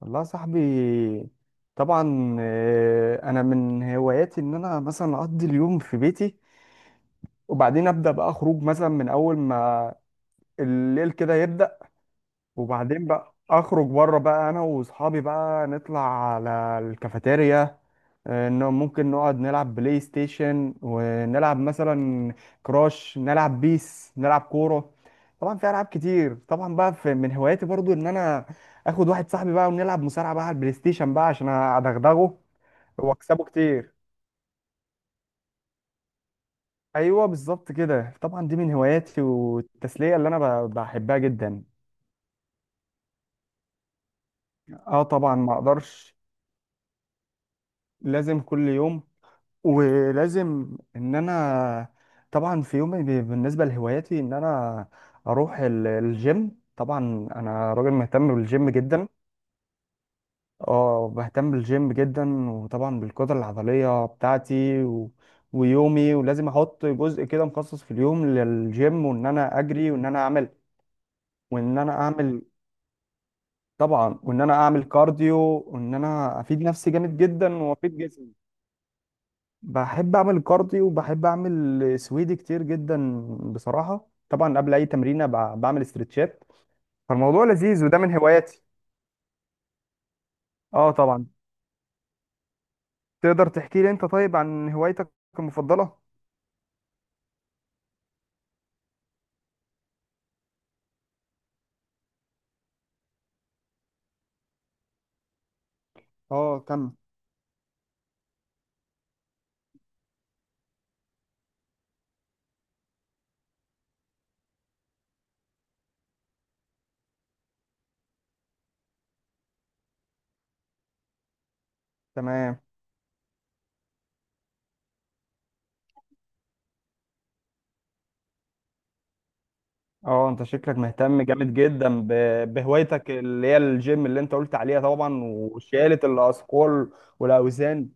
والله يا صاحبي، طبعا. انا من هواياتي ان انا مثلا اقضي اليوم في بيتي، وبعدين ابدا بقى خروج مثلا من اول ما الليل كده يبدا. وبعدين بقى اخرج بره بقى انا واصحابي بقى نطلع على الكافيتيريا. انه ممكن نقعد نلعب بلاي ستيشن ونلعب مثلا كراش، نلعب بيس، نلعب كورة. طبعا في العاب كتير. طبعا بقى في من هواياتي برضو ان انا اخد واحد صاحبي بقى ونلعب مصارعة بقى على البلاي ستيشن بقى عشان ادغدغه واكسبه كتير. ايوه بالظبط كده. طبعا دي من هواياتي والتسلية اللي انا بحبها جدا. اه طبعا، ما اقدرش. لازم كل يوم. ولازم ان انا طبعا في يومي بالنسبه لهواياتي ان انا اروح الجيم. طبعا انا راجل مهتم بالجيم جدا. اه بهتم بالجيم جدا، وطبعا بالقدره العضليه بتاعتي و ويومي. ولازم احط جزء كده مخصص في اليوم للجيم، وان انا اجري، وان انا اعمل طبعا، وان انا اعمل كارديو، وان انا افيد نفسي جامد جدا وافيد جسمي. بحب اعمل كارديو، وبحب اعمل سويدي كتير جدا. بصراحه طبعا قبل اي تمرينه بعمل استرتشات. فالموضوع لذيذ وده من هواياتي. اه طبعا. تقدر تحكي لي انت طيب عن هوايتك المفضله؟ اه. كم. تمام. اه، انت شكلك مهتم جامد جدا بهوايتك اللي هي الجيم، اللي انت قلت عليها طبعا، وشيلة الاثقال والاوزان.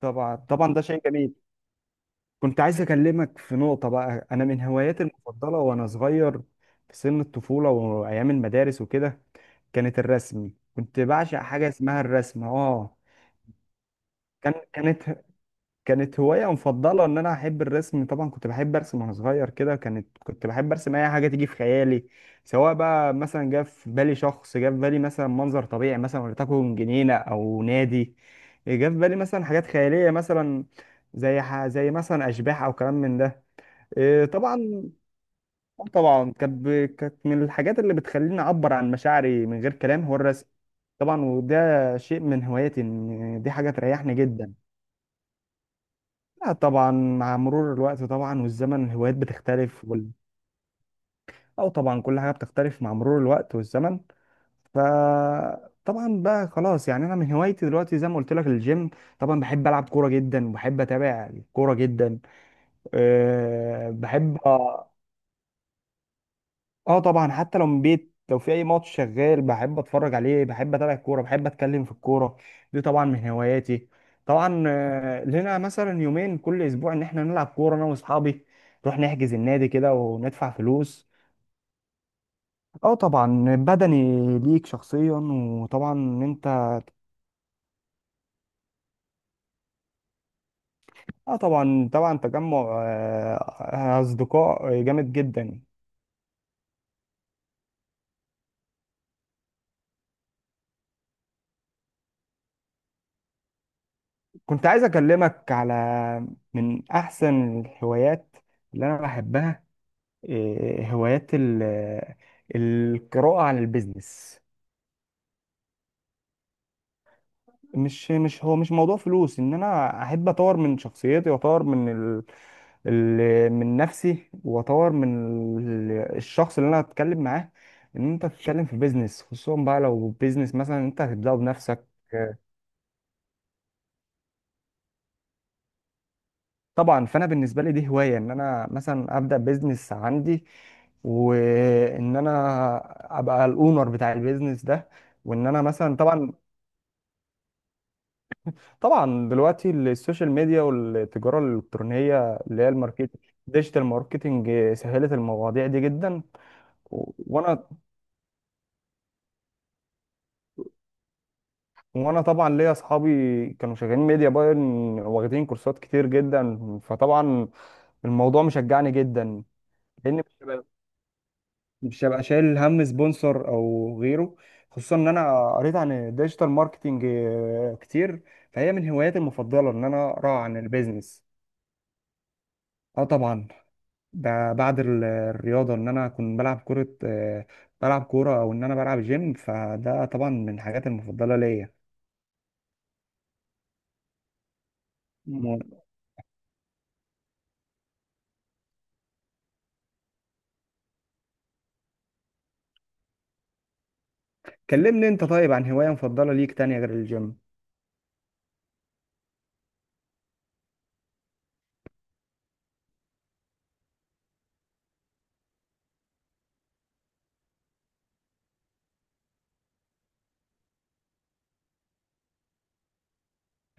طبعا طبعا، ده شيء جميل. كنت عايز أكلمك في نقطة بقى. أنا من هواياتي المفضلة وأنا صغير في سن الطفولة وأيام المدارس وكده كانت الرسم. كنت بعشق حاجة اسمها الرسم كان كانت كانت هواية مفضلة، إن أنا أحب الرسم. طبعا كنت بحب أرسم وأنا صغير كده، كنت بحب أرسم أي حاجة تيجي في خيالي. سواء بقى مثلا جه في بالي شخص، جه في بالي مثلا منظر طبيعي، مثلا ولتكن جنينة أو نادي، جه في بالي مثلا حاجات خيالية، مثلا زي مثلا أشباح أو كلام من ده. إيه طبعا. طبعا كانت من الحاجات اللي بتخليني اعبر عن مشاعري من غير كلام هو الرسم. طبعا، وده شيء من هواياتي، ان دي حاجه تريحني جدا. لا طبعا، مع مرور الوقت طبعا والزمن الهوايات بتختلف او طبعا كل حاجه بتختلف مع مرور الوقت والزمن. ف طبعا بقى خلاص، يعني انا من هوايتي دلوقتي زي ما قلت لك الجيم. طبعا بحب العب كوره جدا، وبحب اتابع الكوره جدا. بحب. اه طبعا، حتى لو من بيت، لو في اي ماتش شغال بحب اتفرج عليه، بحب اتابع الكوره، بحب اتكلم في الكوره، دي طبعا من هواياتي. طبعا، لنا مثلا يومين كل اسبوع ان احنا نلعب كوره انا واصحابي، نروح نحجز النادي كده وندفع فلوس. اه طبعا بدني، ليك شخصيا. وطبعا ان انت. اه طبعا طبعا تجمع اصدقاء جامد جدا. كنت عايز اكلمك على من احسن الهوايات اللي انا بحبها. هوايات القراءة عن البيزنس. مش مش هو مش موضوع فلوس. ان انا احب اطور من شخصيتي، واطور من من نفسي، واطور من ال... الشخص اللي انا هتكلم معاه. ان انت تتكلم في بيزنس، خصوصا بقى لو بيزنس مثلا انت هتبداه بنفسك. طبعا فانا بالنسبه لي دي هوايه، ان انا مثلا ابدا بيزنس عندي وان انا ابقى الاونر بتاع البيزنس ده. وان انا مثلا طبعا. طبعا دلوقتي السوشيال ميديا والتجارة الإلكترونية، اللي هي الماركت ديجيتال ماركتنج، سهلت المواضيع دي جدا. و- وانا وانا طبعا ليا اصحابي كانوا شغالين ميديا باين، واخدين كورسات كتير جدا. فطبعا الموضوع مشجعني جدا، لان مش هبقى شايل هم سبونسر او غيره. خصوصا ان انا قريت عن الديجيتال ماركتنج كتير. فهي من هواياتي المفضلة ان انا اقرا عن البيزنس. اه طبعا. ده بعد الرياضة، إن أنا أكون بلعب كرة، بلعب كورة أو إن أنا بلعب جيم. فده طبعا من الحاجات المفضلة ليا. م- كلمني أنت طيب عن هواية مفضلة ليك تانية غير الجيم.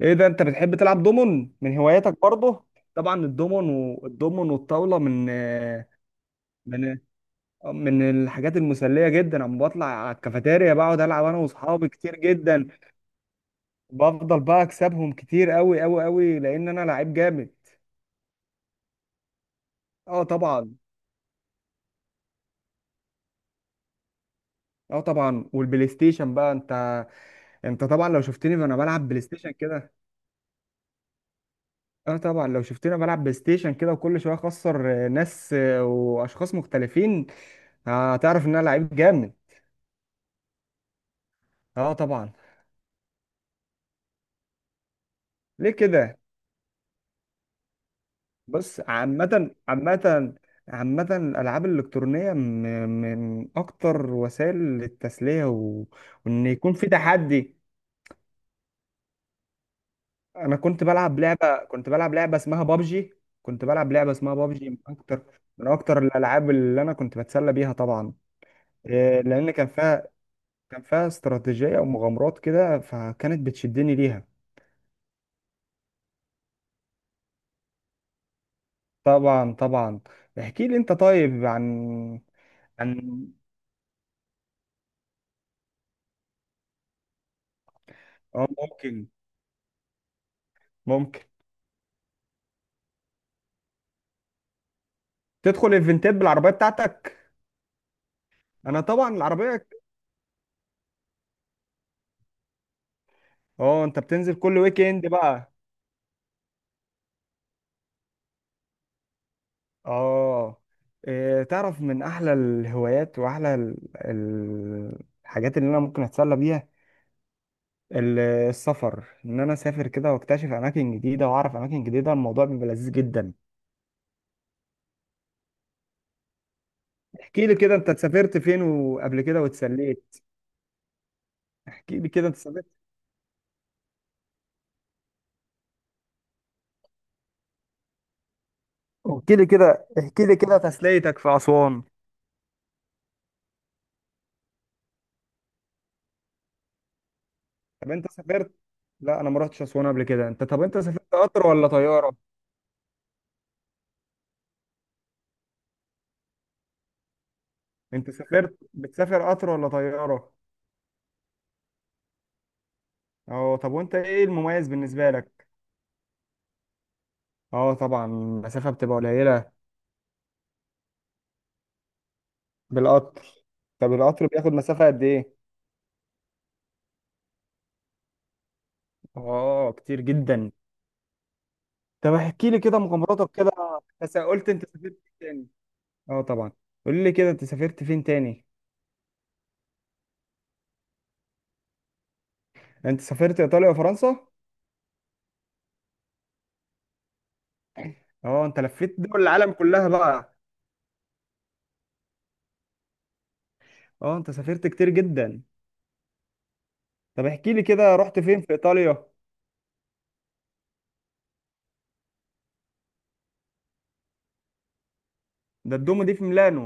إيه ده، أنت بتحب تلعب دومون؟ من هواياتك برضه؟ طبعا الدومون. والدومون والطاولة من من من الحاجات المسلية جدا. أما بطلع على الكافيتيريا بقعد ألعب أنا وأصحابي كتير جدا. بفضل بقى أكسبهم كتير أوي أوي أوي، لأن أنا لعيب جامد. اه طبعا. اه طبعا. والبلاي ستيشن بقى، انت طبعا لو شفتني وانا بلعب بلاي ستيشن كده. اه طبعا لو شفتني وانا بلعب بلاي ستيشن كده وكل شويه اخسر ناس، واشخاص مختلفين، هتعرف ان انا لعيب جامد. اه طبعا. ليه كده؟ بص، عامه الالعاب الالكترونيه من اكتر وسائل التسليه وان يكون في تحدي. انا كنت بلعب لعبه اسمها بابجي. من اكتر الالعاب اللي انا كنت بتسلى بيها. طبعا لان كان فيها استراتيجيه ومغامرات كده، فكانت بتشدني ليها. طبعا طبعا. احكي لي انت طيب، عن عن اه ممكن ممكن تدخل ايفنتات بالعربيه بتاعتك؟ انا طبعا العربيه. اه انت بتنزل كل ويك اند بقى؟ اه. إيه، تعرف من احلى الهوايات واحلى الحاجات اللي انا ممكن اتسلى بيها، السفر. ان انا اسافر كده واكتشف اماكن جديده واعرف اماكن جديده. الموضوع بيبقى لذيذ جدا. احكي لي كده، انت سافرت فين وقبل كده واتسليت؟ احكي لي كده انت سافرت احكي لي كده تسليتك في اسوان؟ طب انت سافرت. لا انا ما رحتش اسوان قبل كده. طب انت سافرت قطر ولا طياره؟ انت سافرت، بتسافر قطر ولا طياره؟ اه. طب وانت ايه المميز بالنسبه لك؟ اه طبعا المسافة بتبقى قليلة. بالقطر. طب القطر بياخد مسافة قد ايه؟ اه كتير جدا. طب احكي لي كده مغامراتك كده. بس قلت انت سافرت فين تاني؟ اه طبعا. قول لي كده انت سافرت فين تاني؟ انت سافرت ايطاليا وفرنسا؟ اه، انت لفيت دول العالم كلها بقى. اه، انت سافرت كتير جدا. طب احكي لي كده، رحت فين في ايطاليا؟ ده الدومو دي في ميلانو.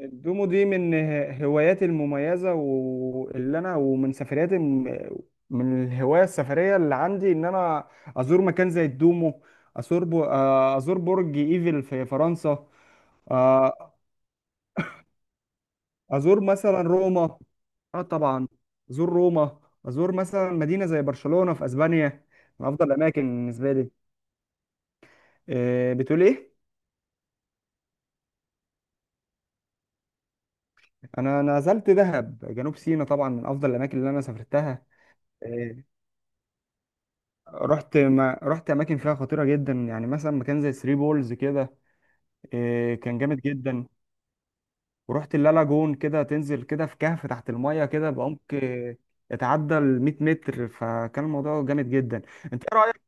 الدومو دي من هواياتي المميزة، واللي أنا ومن سفرياتي من الهواية السفرية اللي عندي، إن أنا أزور مكان زي الدومو. أزور أزور برج إيفل في فرنسا. آه، أزور مثلا روما. آه طبعا. أزور روما، أزور مثلا مدينة زي برشلونة في أسبانيا، من أفضل الأماكن بالنسبة لي. بتقول إيه؟ أنا نزلت دهب جنوب سيناء، طبعا من أفضل الأماكن اللي أنا سافرتها. آه، رحت، ما رحت اماكن فيها خطيره جدا، يعني مثلا مكان زي ثري بولز كده. كان جامد جدا. ورحت اللالاجون كده، تنزل كده في كهف تحت المايه كده بعمق يتعدى ال 100 متر، فكان الموضوع جامد جدا. انت ايه رايك؟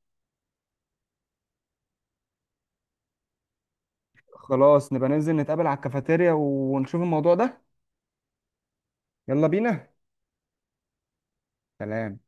خلاص نبقى ننزل نتقابل على الكافيتيريا ونشوف الموضوع ده. يلا بينا. سلام.